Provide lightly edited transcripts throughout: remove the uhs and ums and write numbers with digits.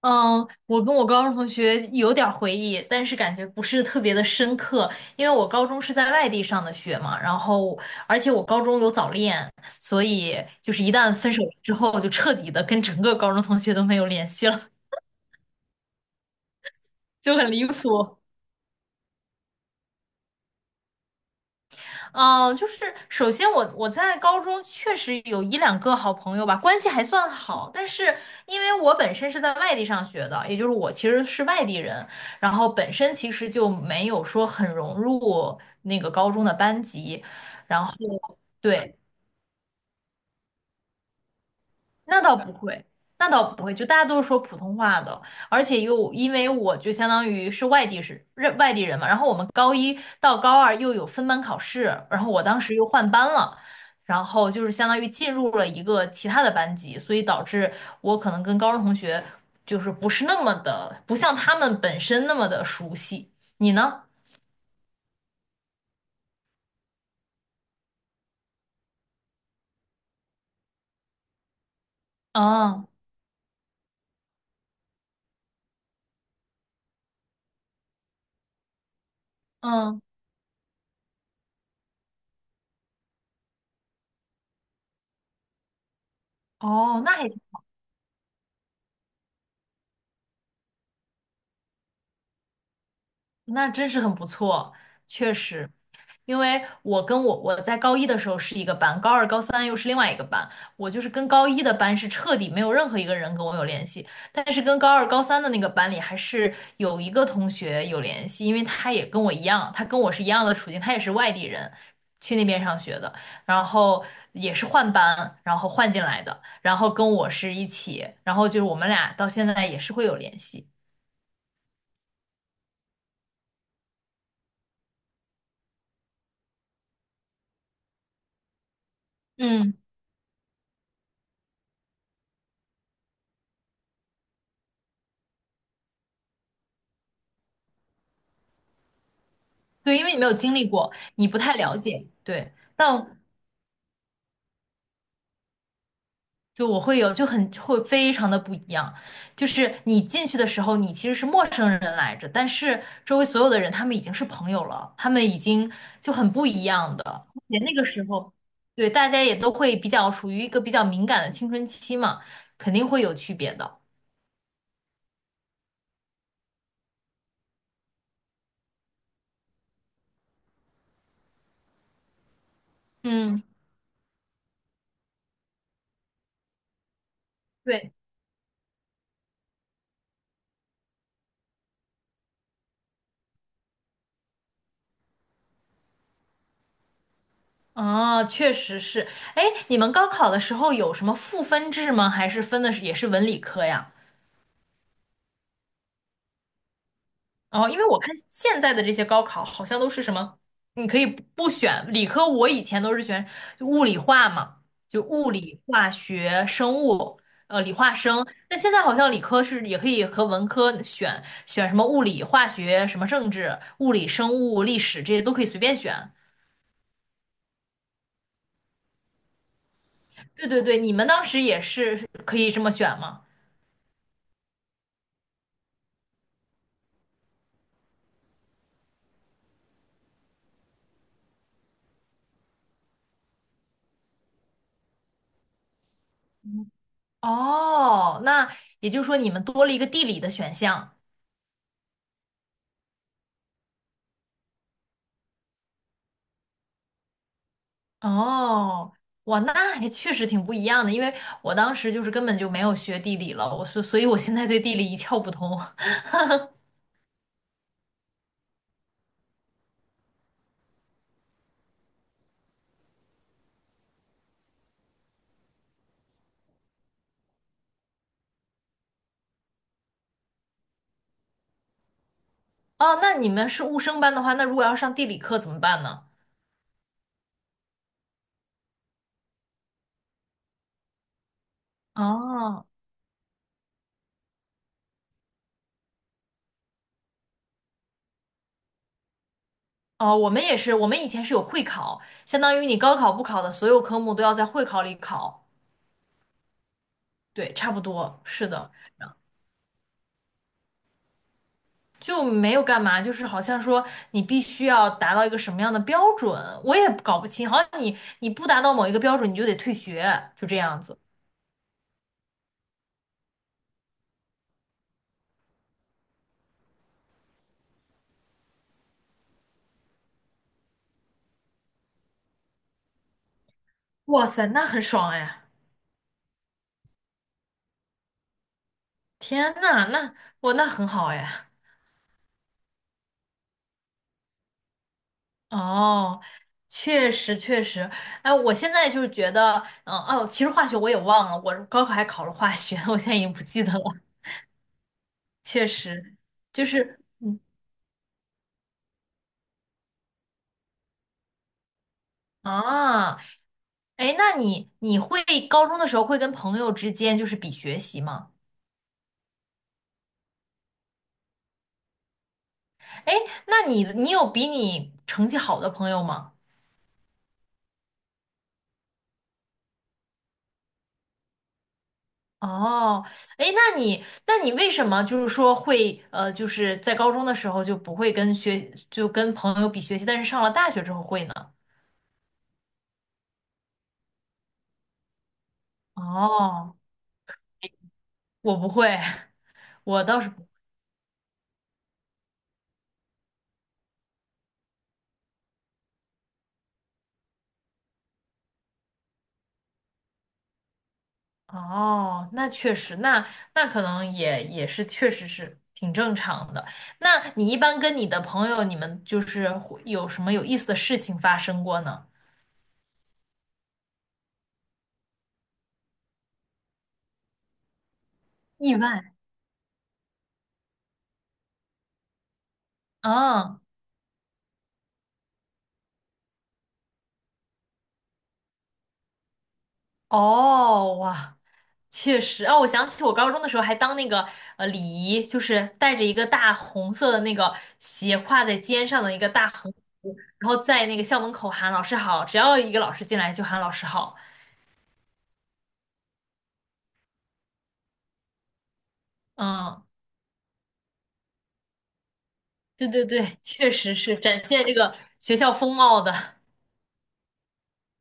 嗯，我跟我高中同学有点儿回忆，但是感觉不是特别的深刻，因为我高中是在外地上的学嘛，然后而且我高中有早恋，所以就是一旦分手之后，就彻底的跟整个高中同学都没有联系了，就很离谱。嗯，就是首先我在高中确实有一两个好朋友吧，关系还算好。但是因为我本身是在外地上学的，也就是我其实是外地人，然后本身其实就没有说很融入那个高中的班级，然后对。那倒不会，那倒不会，就大家都是说普通话的，而且又因为我就相当于是外地人嘛，然后我们高一到高二又有分班考试，然后我当时又换班了，然后就是相当于进入了一个其他的班级，所以导致我可能跟高中同学就是不是那么的，不像他们本身那么的熟悉。你呢？嗯嗯，哦，那还那真是很不错，确实。因为我跟我我在高一的时候是一个班，高二、高三又是另外一个班。我就是跟高一的班是彻底没有任何一个人跟我有联系，但是跟高二、高三的那个班里还是有一个同学有联系，因为他也跟我一样，他跟我是一样的处境，他也是外地人，去那边上学的，然后也是换班，然后换进来的，然后跟我是一起，然后就是我们俩到现在也是会有联系。嗯。对，因为你没有经历过，你不太了解。对，但就我会有就很会非常的不一样，就是你进去的时候，你其实是陌生人来着，但是周围所有的人他们已经是朋友了，他们已经就很不一样的。而且那个时候，对，大家也都会比较属于一个比较敏感的青春期嘛，肯定会有区别的。嗯，对，哦，确实是。哎，你们高考的时候有什么赋分制吗？还是分的是也是文理科呀？哦，因为我看现在的这些高考好像都是什么，你可以不选理科，我以前都是选就物理化嘛，就物理、化学、生物，理化生。那现在好像理科是也可以和文科选选什么物理、化学、什么政治、物理、生物、历史这些都可以随便选。对对对，你们当时也是可以这么选吗？哦，那也就是说你们多了一个地理的选项。哦，哇，那还确实挺不一样的，因为我当时就是根本就没有学地理了，我所以我现在对地理一窍不通。哦，那你们是物生班的话，那如果要上地理课怎么办呢？哦哦，我们也是，我们以前是有会考，相当于你高考不考的所有科目都要在会考里考。对，差不多，是的，就没有干嘛，就是好像说你必须要达到一个什么样的标准，我也搞不清，好像你不达到某一个标准，你就得退学，就这样子。哇塞，那很爽哎！天呐，那我那很好哎。哦，确实确实，哎，我现在就是觉得，嗯哦，其实化学我也忘了，我高考还考了化学，我现在已经不记得了。确实，就是嗯啊，哎，那你会高中的时候会跟朋友之间就是比学习吗？哎，那你有比你成绩好的朋友吗？哦，哎，那你，那你为什么就是说会就是在高中的时候就不会跟学，就跟朋友比学习，但是上了大学之后会呢？哦，我不会，我倒是不。哦，那确实，那那可能也是，确实是挺正常的。那你一般跟你的朋友，你们就是会有什么有意思的事情发生过呢？意外。啊，哦，哇。确实，哦，我想起我高中的时候还当那个礼仪，就是带着一个大红色的那个斜挎在肩上的一个大横幅，然后在那个校门口喊老师好，只要一个老师进来就喊老师好。嗯，对对对，确实是展现这个学校风貌的。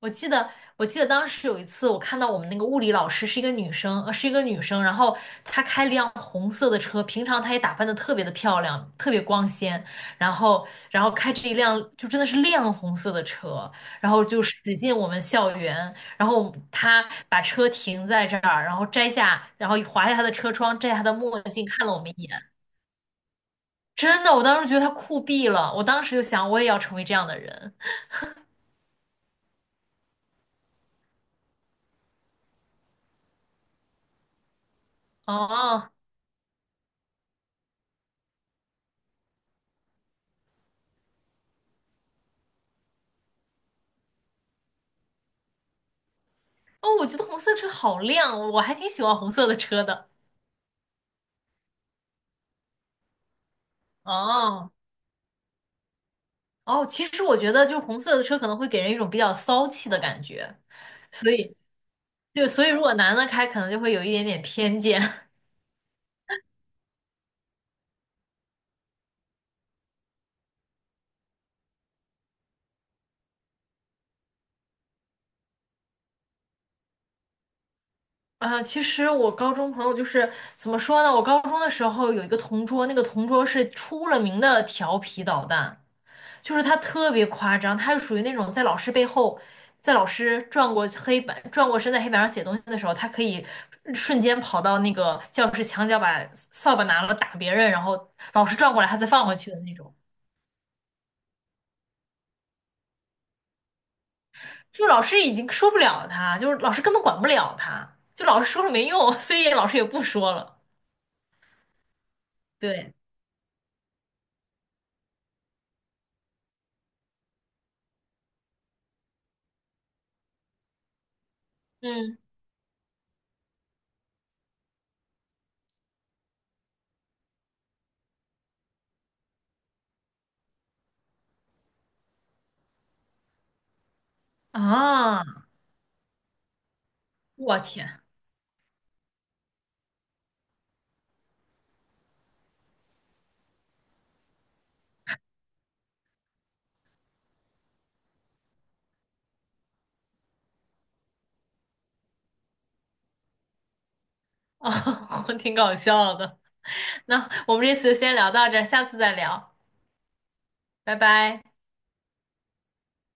我记得，我记得当时有一次，我看到我们那个物理老师是一个女生，是一个女生，然后她开了辆红色的车，平常她也打扮的特别的漂亮，特别光鲜，然后，然后开着一辆就真的是亮红色的车，然后就驶进我们校园，然后她把车停在这儿，然后摘下，然后划下她的车窗，摘下她的墨镜，看了我们一眼，真的，我当时觉得她酷毙了，我当时就想，我也要成为这样的人，哦。哦，我觉得红色车好亮，我还挺喜欢红色的车的。哦哦，其实我觉得就是红色的车可能会给人一种比较骚气的感觉，所以就所以如果男的开，可能就会有一点点偏见。啊，其实我高中朋友就是怎么说呢？我高中的时候有一个同桌，那个同桌是出了名的调皮捣蛋。就是他特别夸张，他是属于那种在老师背后，在老师转过黑板、转过身在黑板上写东西的时候，他可以瞬间跑到那个教室墙角，把扫把拿了打别人，然后老师转过来，他再放回去的那种。就老师已经说不了他，就是老师根本管不了他，就老师说了没用，所以老师也不说了。对，嗯啊，我天啊，我挺搞笑的。那我们这次就先聊到这儿，下次再聊，拜拜。